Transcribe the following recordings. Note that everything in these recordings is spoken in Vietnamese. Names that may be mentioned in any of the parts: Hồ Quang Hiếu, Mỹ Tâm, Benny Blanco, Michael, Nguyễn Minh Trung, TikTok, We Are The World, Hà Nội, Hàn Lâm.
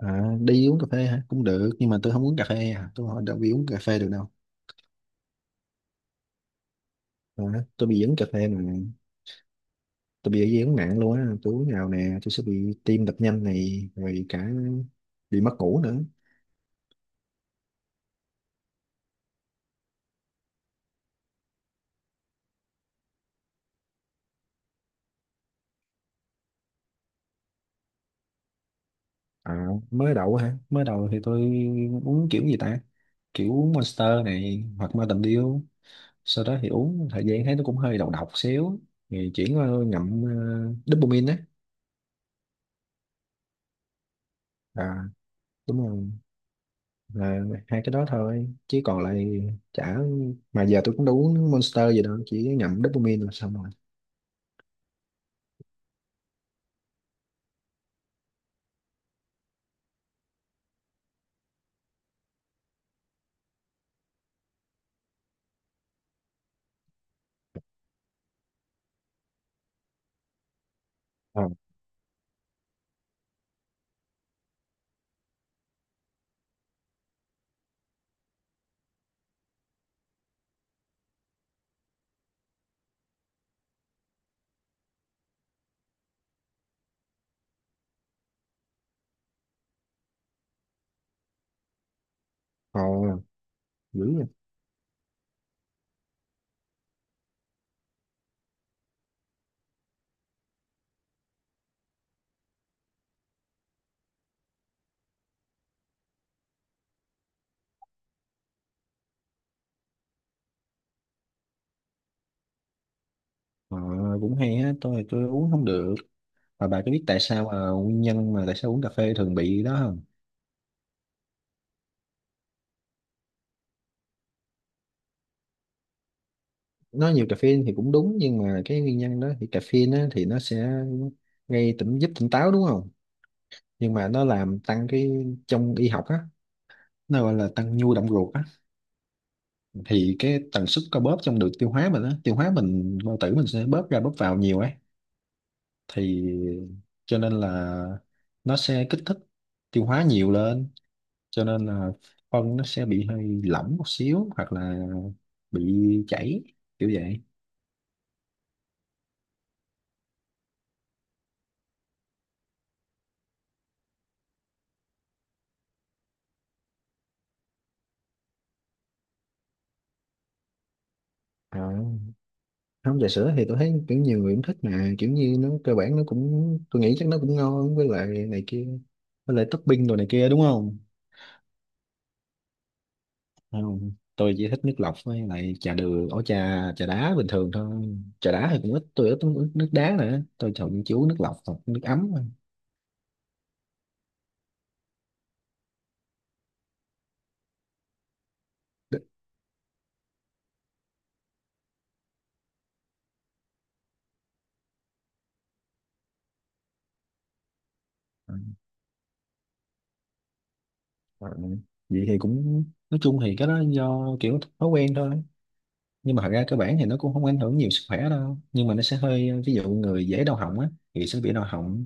À, đi uống cà phê hả? Cũng được, nhưng mà tôi không uống cà phê à. Tôi hỏi đâu bị uống cà phê được đâu. À, tôi bị dính cà phê mà. Tôi bị dị ứng nặng luôn á. Tôi uống nào nè, tôi sẽ bị tim đập nhanh này, rồi cả bị mất ngủ nữa. À, mới đầu hả? Mới đầu thì tôi uống kiểu gì ta? Kiểu Monster này, hoặc Mountain Dew. Sau đó thì uống thời gian thấy nó cũng hơi độc độc xíu. Thì chuyển qua ngậm dopamine á. À, đúng rồi. Là hai cái đó thôi chứ còn lại chả, mà giờ tôi cũng đâu uống Monster gì đâu, chỉ nhậm dopamine là xong rồi. Ờ, ờ, dữ vậy. Ờ, cũng hay á, tôi uống không được. Mà bà có biết tại sao mà nguyên nhân mà tại sao uống cà phê thường bị đó không? Nó nhiều caffeine thì cũng đúng, nhưng mà cái nguyên nhân đó thì caffeine á, thì nó sẽ gây tỉnh, giúp tỉnh táo đúng không? Nhưng mà nó làm tăng cái, trong y học á, nó gọi là tăng nhu động ruột á. Thì cái tần suất co bóp trong đường tiêu hóa mình á, tiêu hóa mình, bao tử mình sẽ bóp ra bóp vào nhiều ấy. Thì cho nên là nó sẽ kích thích tiêu hóa nhiều lên. Cho nên là phân nó sẽ bị hơi lỏng một xíu, hoặc là bị chảy kiểu vậy. À, không, trà sữa thì tôi thấy kiểu nhiều người cũng thích, mà kiểu như nó cơ bản nó cũng, tôi nghĩ chắc nó cũng ngon, với lại này kia, với lại topping đồ này kia đúng không? Không, tôi chỉ thích nước lọc với lại trà đường, ổ trà trà đá bình thường thôi. Trà đá thì cũng ít, tôi ít uống nước đá nữa, tôi thường chỉ uống nước lọc hoặc nước ấm thôi. Ừ. Vậy thì cũng, nói chung thì cái đó do kiểu thói quen thôi. Nhưng mà thật ra cơ bản thì nó cũng không ảnh hưởng nhiều sức khỏe đâu, nhưng mà nó sẽ hơi, ví dụ người dễ đau họng á, thì sẽ bị đau họng.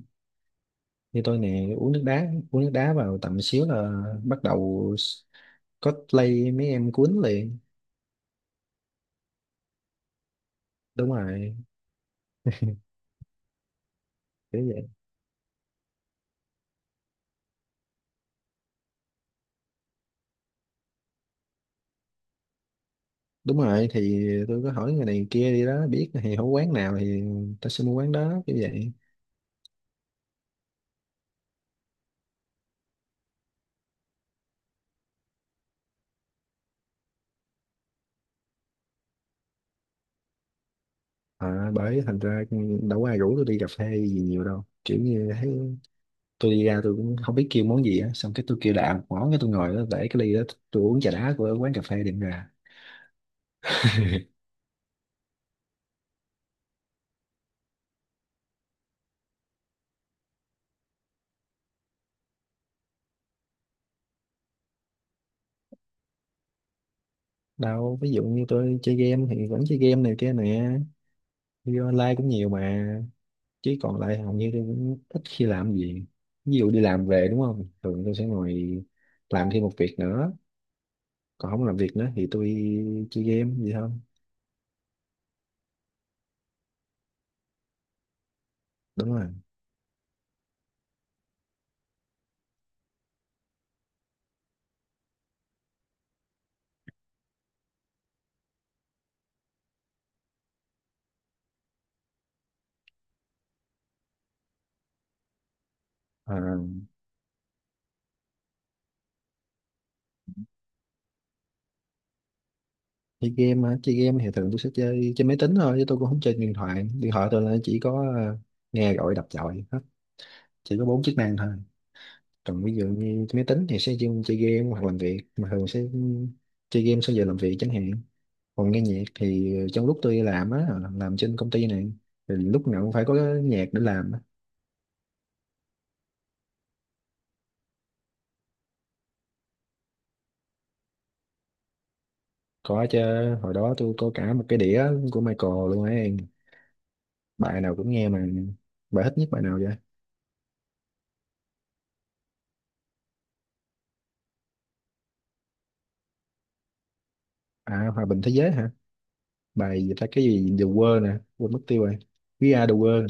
Như tôi nè, uống nước đá vào tầm xíu là bắt đầu có lây mấy em cuốn liền. Đúng rồi, kiểu đúng rồi. Thì tôi có hỏi người này người kia đi đó biết, thì hổ quán nào thì ta sẽ mua quán đó như vậy. À, bởi thành ra đâu có ai rủ tôi đi cà phê gì nhiều đâu, kiểu như thấy tôi đi ra tôi cũng không biết kêu món gì á, xong cái tôi kêu đại một món, cái tôi ngồi đó để cái ly đó, tôi uống trà đá của quán cà phê đệm ra. Đâu, ví dụ như tôi chơi game thì vẫn chơi game này kia nè, đi online cũng nhiều mà. Chứ còn lại hầu như tôi cũng ít khi làm gì. Ví dụ đi làm về đúng không, thường tôi sẽ ngồi làm thêm một việc nữa. Còn không làm việc nữa thì tôi chơi game gì không? Đúng rồi. À, chơi game á, chơi game thì thường tôi sẽ chơi trên máy tính thôi, chứ tôi cũng không chơi điện thoại. Điện thoại tôi là chỉ có nghe gọi, đọc gọi hết, chỉ có bốn chức năng thôi. Còn ví dụ như trên máy tính thì sẽ dùng chơi game hoặc làm việc, mà thường sẽ chơi game sau giờ làm việc chẳng hạn. Còn nghe nhạc thì trong lúc tôi làm á, làm trên công ty này, thì lúc nào cũng phải có nhạc để làm á. Có chứ, hồi đó tôi có cả một cái đĩa của Michael luôn ấy, bài nào cũng nghe mà. Bài thích nhất bài nào vậy? À, hòa bình thế giới hả? Bài gì ta, cái gì The World nè, quên mất tiêu rồi. We Are The World.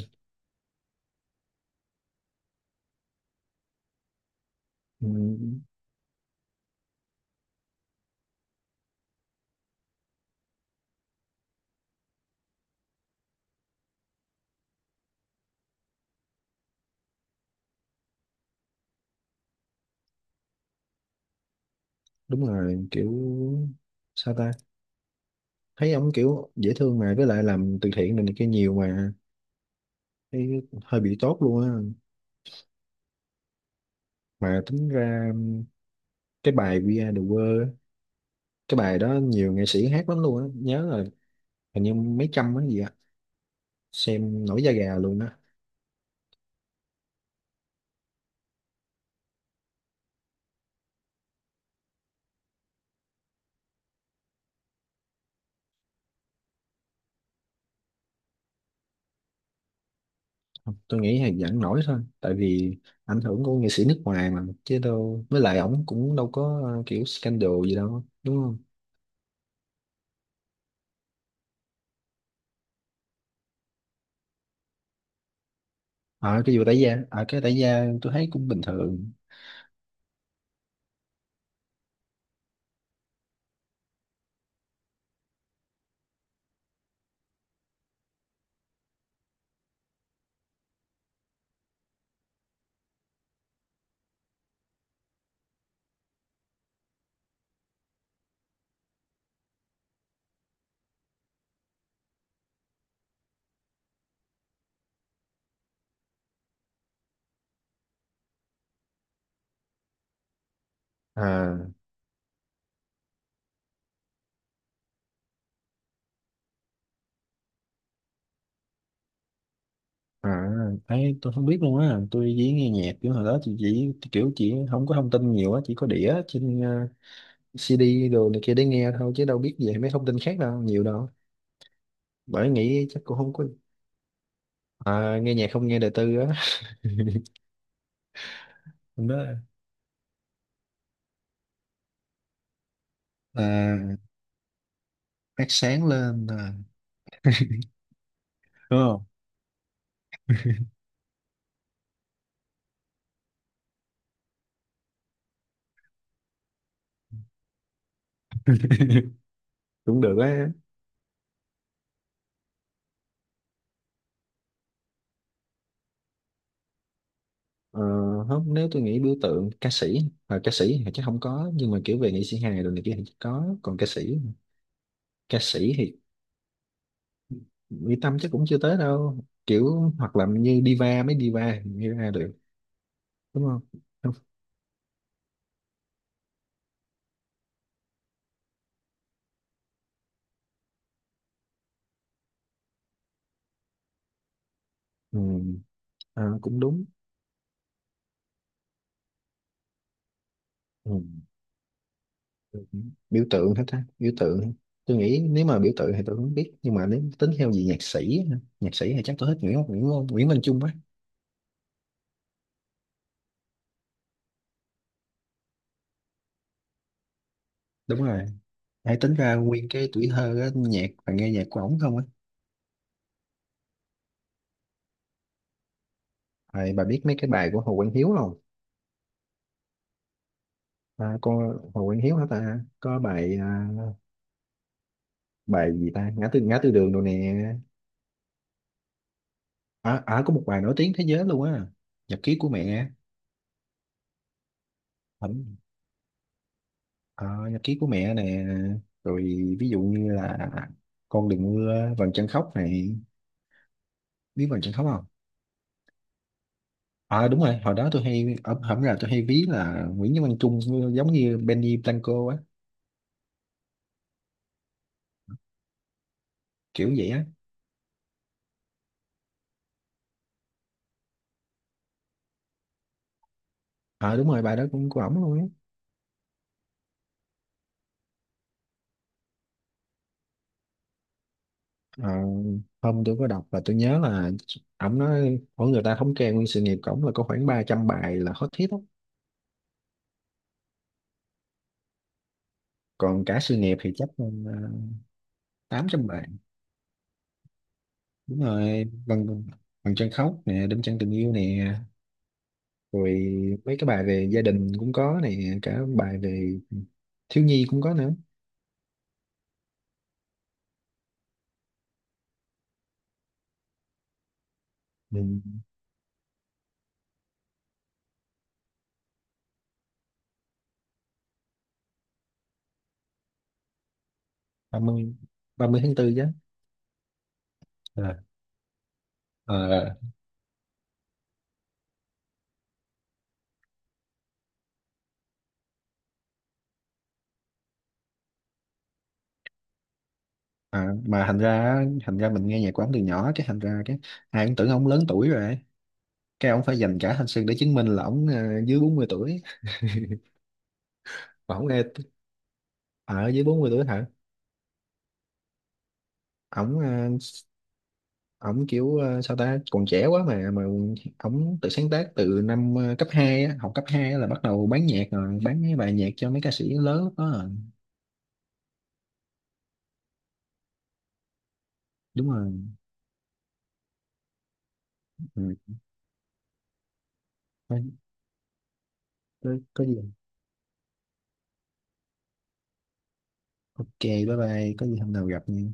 Ừ, đúng rồi, kiểu sao ta, thấy ông kiểu dễ thương, mà với lại làm từ thiện này, này kia nhiều mà, thấy hơi bị tốt luôn á. Mà tính ra cái bài We Are The World á, cái bài đó nhiều nghệ sĩ hát lắm luôn á, nhớ là hình như mấy trăm á gì á, xem nổi da gà luôn á. Tôi nghĩ là vẫn nổi thôi, tại vì ảnh hưởng của nghệ sĩ nước ngoài mà chứ đâu, với lại ổng cũng đâu có kiểu scandal gì đâu đúng không? À, cái vụ tẩy da, à cái tẩy da tôi thấy cũng bình thường. À, à, ấy tôi không biết luôn á, tôi chỉ nghe nhạc kiểu hồi đó, chị chỉ kiểu chỉ không có thông tin nhiều á, chỉ có đĩa trên CD đồ này kia để nghe thôi, chứ đâu biết về mấy thông tin khác đâu nhiều đâu. Bởi nghĩ chắc cũng không có. À, nghe nhạc không nghe đời tư á. Hôm đó, à, phát sáng lên à, đúng không? Cũng được á. Ờ, không, nếu tôi nghĩ biểu tượng ca sĩ, à ca sĩ thì chắc không có, nhưng mà kiểu về nghệ sĩ hài rồi này kia thì chắc có. Còn ca sĩ, ca sĩ thì Mỹ Tâm chắc cũng chưa tới đâu, kiểu hoặc là như diva, mấy diva diva ra được đúng không? Không. Ừ. À, cũng đúng. Ừ. Biểu tượng hết ta, biểu tượng tôi nghĩ nếu mà biểu tượng thì tôi không biết, nhưng mà nếu tính theo gì nhạc sĩ hả? Nhạc sĩ thì chắc tôi thích Nguyễn Nguyễn Nguyễn Minh Trung á. Đúng rồi, ai tính ra nguyên cái tuổi thơ á, nhạc và nghe nhạc của ổng không á. À, bà biết mấy cái bài của Hồ Quang Hiếu không? À, con Hồ Quang Hiếu hả ta? Có bài à, bài gì ta? Ngã tư đường đồ nè. À, à có một bài nổi tiếng thế giới luôn á. Nhật ký của mẹ. Ẩm- À, nhật ký của mẹ nè. Rồi ví dụ như là con đừng mưa, vầng trăng khóc này. Biết vầng trăng khóc không? À đúng rồi, hồi đó tôi hay ở hổng là tôi hay ví là Nguyễn Văn Văn Trung giống như Benny Blanco á, kiểu vậy á. À đúng rồi, bài đó cũng của ổng luôn á. Ờ, hôm tôi có đọc và tôi nhớ là ổng nói mỗi người ta thống kê nguyên sự nghiệp của ổng là có khoảng 300 bài là hot hit đó. Còn cả sự nghiệp thì chắc là ờ, 800 bài. Đúng rồi, bằng, bằng chân khóc nè, đêm trăng tình yêu nè. Rồi mấy cái bài về gia đình cũng có nè, cả bài về thiếu nhi cũng có nữa. Ừ. Ba mươi, ba mươi tháng 4 chứ. À, à, à, mà thành ra, thành ra mình nghe nhạc của ổng từ nhỏ, cái thành ra cái ai cũng tưởng ổng lớn tuổi rồi, cái ông phải dành cả thanh xuân để chứng minh là ổng dưới 40 tuổi. Mà ổng nghe, à ở dưới 40 tuổi hả? Ổng ờ, ổng kiểu ờ, sao ta còn trẻ quá mà ổng tự sáng tác từ năm cấp 2 á, học cấp 2 á là bắt đầu bán nhạc rồi, bán mấy bài nhạc cho mấy ca sĩ lớn lúc đó rồi. Đúng rồi. Ừ. Thôi, có gì ok bye bye, có gì hôm nào gặp nha.